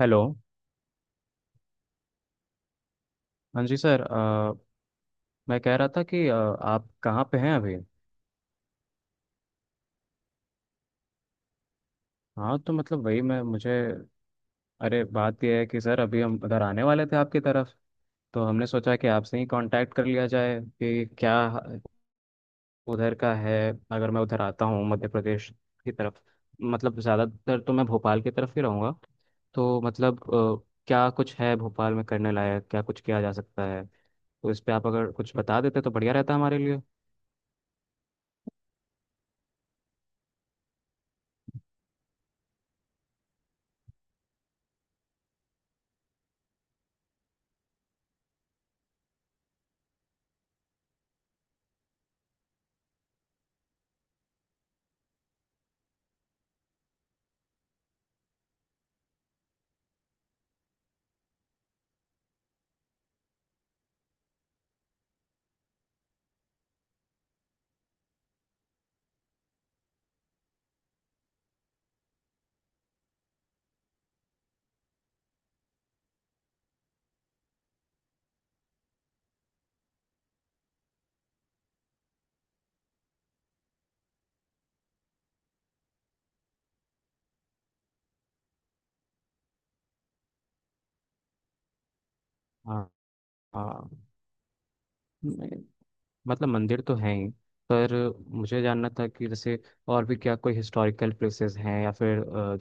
Hello. हाँ जी sir, मैं कह रहा था कि आप कहाँ पे हैं अभी? हाँ, तो मतलब वही मैं मुझे। अरे, बात यह है कि सर अभी हम उधर आने वाले थे आपकी तरफ। तो हमने सोचा कि आपसे ही कांटेक्ट कर लिया जाए कि क्या उधर का है। अगर मैं उधर आता हूँ मध्य प्रदेश की तरफ, मतलब ज़्यादातर तो मैं भोपाल की तरफ ही रहूँगा। तो मतलब क्या कुछ है भोपाल में करने लायक, क्या कुछ किया जा सकता है? तो इस पे आप अगर कुछ बता देते तो बढ़िया रहता हमारे लिए। हाँ, हाँ। मतलब मंदिर तो हैं ही, पर मुझे जानना था कि जैसे और भी क्या कोई हिस्टोरिकल प्लेसेस हैं, या फिर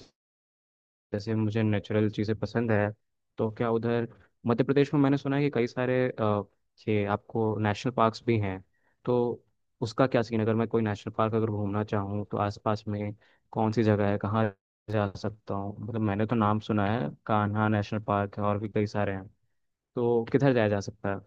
जैसे मुझे नेचुरल चीज़ें पसंद है। तो क्या उधर मध्य प्रदेश में, मैंने सुना है कि कई सारे ये आपको नेशनल पार्क्स भी हैं, तो उसका क्या सीन है? अगर मैं कोई नेशनल पार्क अगर घूमना चाहूँ तो आसपास में कौन सी जगह है, कहाँ जा सकता हूँ? मतलब मैंने तो नाम सुना है कान्हा नेशनल पार्क है और भी कई सारे हैं, तो किधर जाया जा सकता है?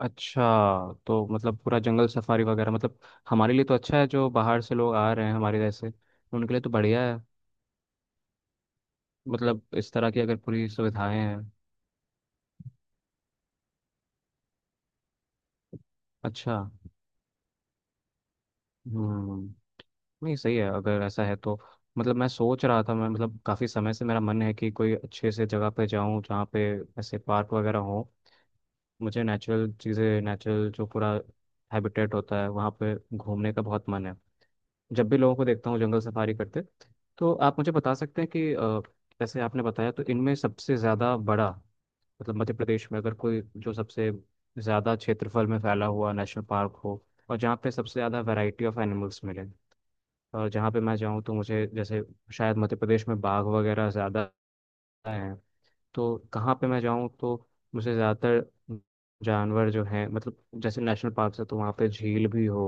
अच्छा, तो मतलब पूरा जंगल सफारी वगैरह, मतलब हमारे लिए तो अच्छा है। जो बाहर से लोग आ रहे हैं हमारे जैसे, उनके लिए तो बढ़िया है। मतलब इस तरह की अगर पूरी सुविधाएं हैं। अच्छा। हम्म। नहीं, सही है अगर ऐसा है तो। मतलब मैं सोच रहा था, मैं मतलब काफ़ी समय से मेरा मन है कि कोई अच्छे से जगह पे जाऊं, जहाँ पे ऐसे पार्क वगैरह हो। मुझे नेचुरल चीज़ें, नेचुरल जो पूरा हैबिटेट होता है वहाँ पे घूमने का बहुत मन है, जब भी लोगों को देखता हूँ जंगल सफारी करते। तो आप मुझे बता सकते हैं कि जैसे आपने बताया, तो इनमें सबसे ज़्यादा बड़ा, मतलब मध्य प्रदेश में अगर कोई जो सबसे ज़्यादा क्षेत्रफल में फैला हुआ नेशनल पार्क हो, और जहाँ पे सबसे ज़्यादा वैरायटी ऑफ एनिमल्स मिले, और जहाँ पे मैं जाऊँ तो मुझे जैसे शायद मध्य प्रदेश में बाघ वगैरह ज़्यादा हैं, तो कहाँ पे मैं जाऊँ तो मुझे ज़्यादातर जानवर जो हैं, मतलब जैसे नेशनल पार्क है तो वहाँ पे झील भी हो,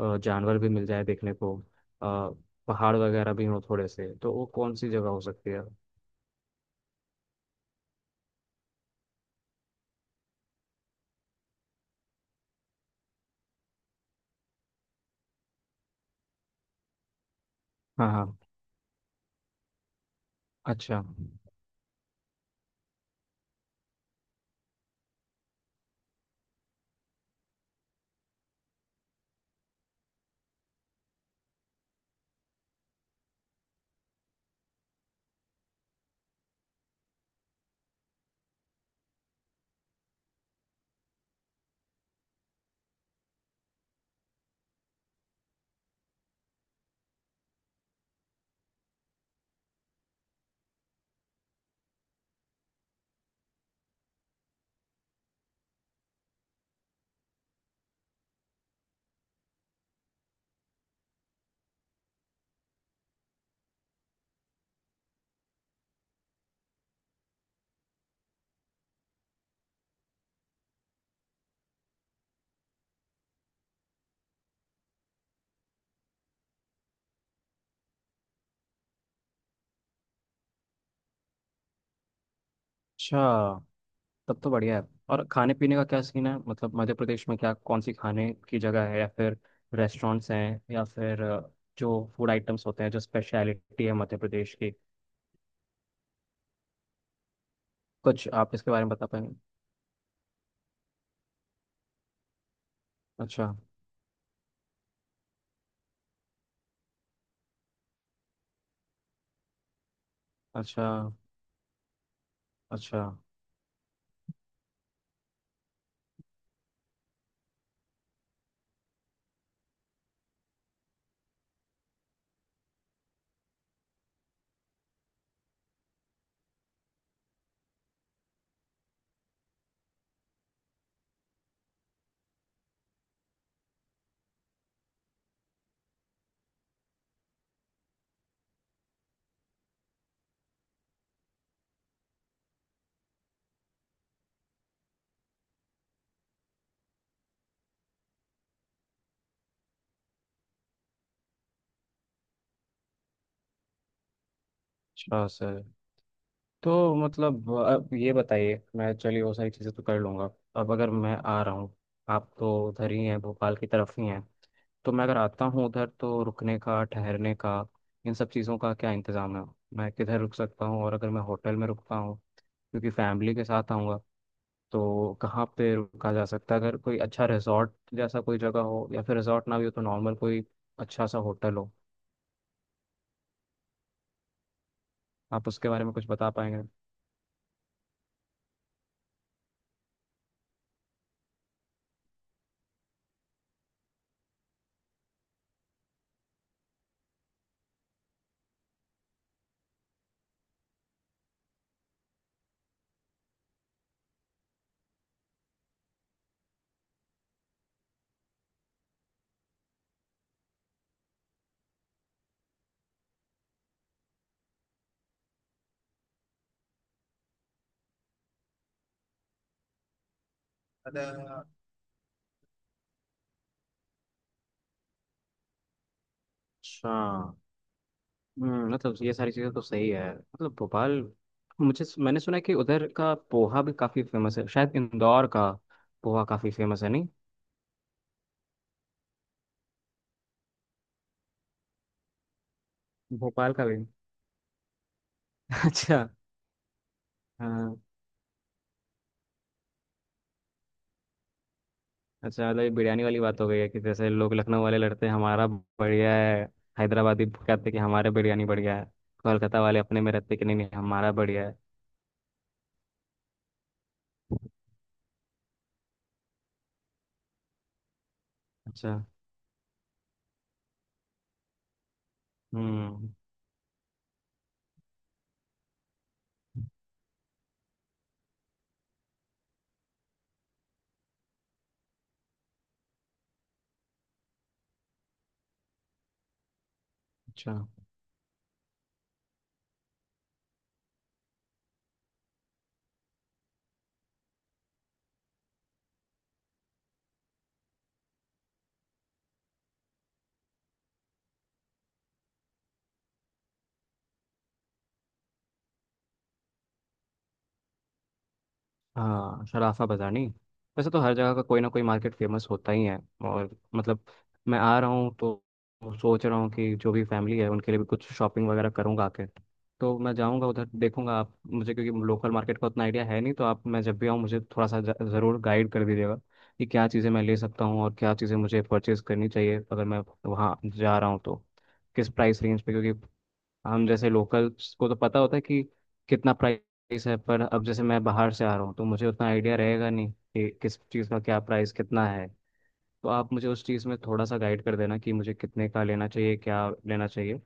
जानवर भी मिल जाए देखने को, अ, पहाड़ वगैरह भी हो थोड़े से, तो वो कौन सी जगह हो सकती है? हाँ, हाँ। अच्छा। अच्छा, तब तो बढ़िया है। और खाने पीने का क्या सीन है? मतलब मध्य प्रदेश में क्या कौन सी खाने की जगह है या फिर रेस्टोरेंट्स हैं, या फिर जो फूड आइटम्स होते हैं जो स्पेशलिटी है मध्य प्रदेश की, कुछ आप इसके बारे में बता पाएंगे? अच्छा। अच्छा। अच्छा। अच्छा सर, तो मतलब अब ये बताइए, मैं चलिए वो सारी चीज़ें तो कर लूँगा। अब अगर मैं आ रहा हूँ, आप तो उधर ही हैं भोपाल की तरफ ही हैं, तो मैं अगर आता हूँ उधर तो रुकने का, ठहरने का, इन सब चीज़ों का क्या इंतज़ाम है? मैं किधर रुक सकता हूँ, और अगर मैं होटल में रुकता हूँ क्योंकि फैमिली के साथ आऊँगा, तो कहाँ पे रुका जा सकता है? अगर कोई अच्छा रिजॉर्ट जैसा कोई जगह हो, या फिर रिजॉर्ट ना भी हो तो नॉर्मल कोई अच्छा सा होटल हो, आप उसके बारे में कुछ बता पाएंगे? अच्छा। मतलब ये सारी चीज़ें तो सही है। मतलब भोपाल, मुझे मैंने सुना है कि उधर का पोहा भी काफ़ी फेमस है, शायद इंदौर का पोहा काफ़ी फेमस है, नहीं? भोपाल का भी? अच्छा। हाँ। अच्छा, मतलब ये बिरयानी वाली बात हो गई है कि जैसे लोग लखनऊ वाले लड़ते हैं हमारा बढ़िया है, हैदराबादी कहते हैं कि हमारे बिरयानी बढ़िया है, कोलकाता वाले अपने में रहते हैं कि नहीं, नहीं, हमारा बढ़िया है। अच्छा। हम्म। अच्छा। हाँ, शराफा बाज़ार, नहीं? वैसे तो हर जगह का कोई ना कोई मार्केट फेमस होता ही है। और मतलब मैं आ रहा हूँ तो सोच रहा हूँ कि जो भी फैमिली है उनके लिए भी कुछ शॉपिंग वगैरह करूँगा आके। तो मैं जाऊँगा उधर देखूँगा, आप मुझे, क्योंकि लोकल मार्केट का उतना आइडिया है नहीं, तो आप, मैं जब भी आऊँ मुझे थोड़ा सा ज़रूर गाइड कर दीजिएगा कि क्या चीज़ें मैं ले सकता हूँ और क्या चीज़ें मुझे परचेज़ करनी चाहिए, अगर मैं वहाँ जा रहा हूँ तो, किस प्राइस रेंज पे, क्योंकि हम जैसे लोकल्स को तो पता होता है कि कितना प्राइस है, पर अब जैसे मैं बाहर से आ रहा हूँ तो मुझे उतना आइडिया रहेगा नहीं कि किस चीज़ का क्या प्राइस कितना है। तो आप मुझे उस चीज़ में थोड़ा सा गाइड कर देना कि मुझे कितने का लेना चाहिए, क्या लेना चाहिए।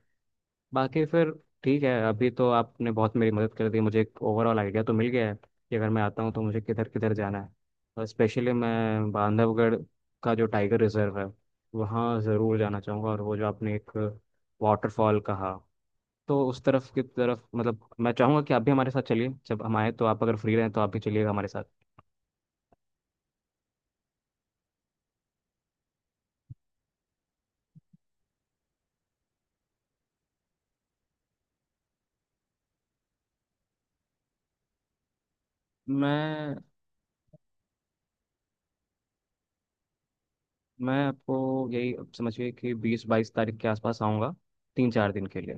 बाकी फिर ठीक है, अभी तो आपने बहुत मेरी मदद कर दी, मुझे एक ओवरऑल आइडिया तो मिल गया है कि अगर मैं आता हूँ तो मुझे किधर किधर जाना है। और स्पेशली मैं बांधवगढ़ का जो टाइगर रिजर्व है वहाँ ज़रूर जाना चाहूँगा, और वो जो आपने एक वाटरफॉल कहा, तो उस तरफ की तरफ, मतलब मैं चाहूंगा कि आप भी हमारे साथ चलिए। जब हम आए तो आप अगर फ्री रहें तो आप भी चलिएगा हमारे साथ। मैं मैं आपको, यही समझिए कि 20-22 तारीख के आसपास आऊँगा, 3-4 दिन के लिए।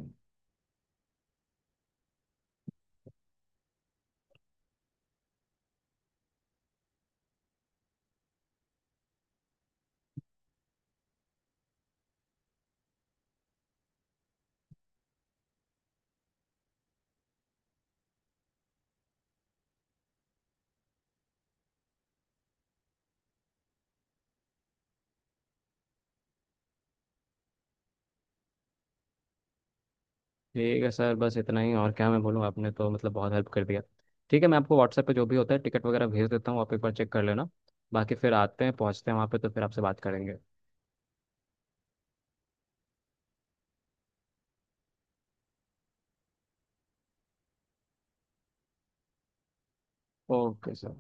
ठीक है सर, बस इतना ही, और क्या मैं बोलूँ, आपने तो मतलब बहुत हेल्प कर दिया। ठीक है, मैं आपको व्हाट्सएप पे जो भी होता है टिकट वगैरह भेज देता हूँ, आप एक बार चेक कर लेना। बाकी फिर आते हैं, पहुँचते हैं वहाँ पे तो फिर आपसे बात करेंगे। Okay sir.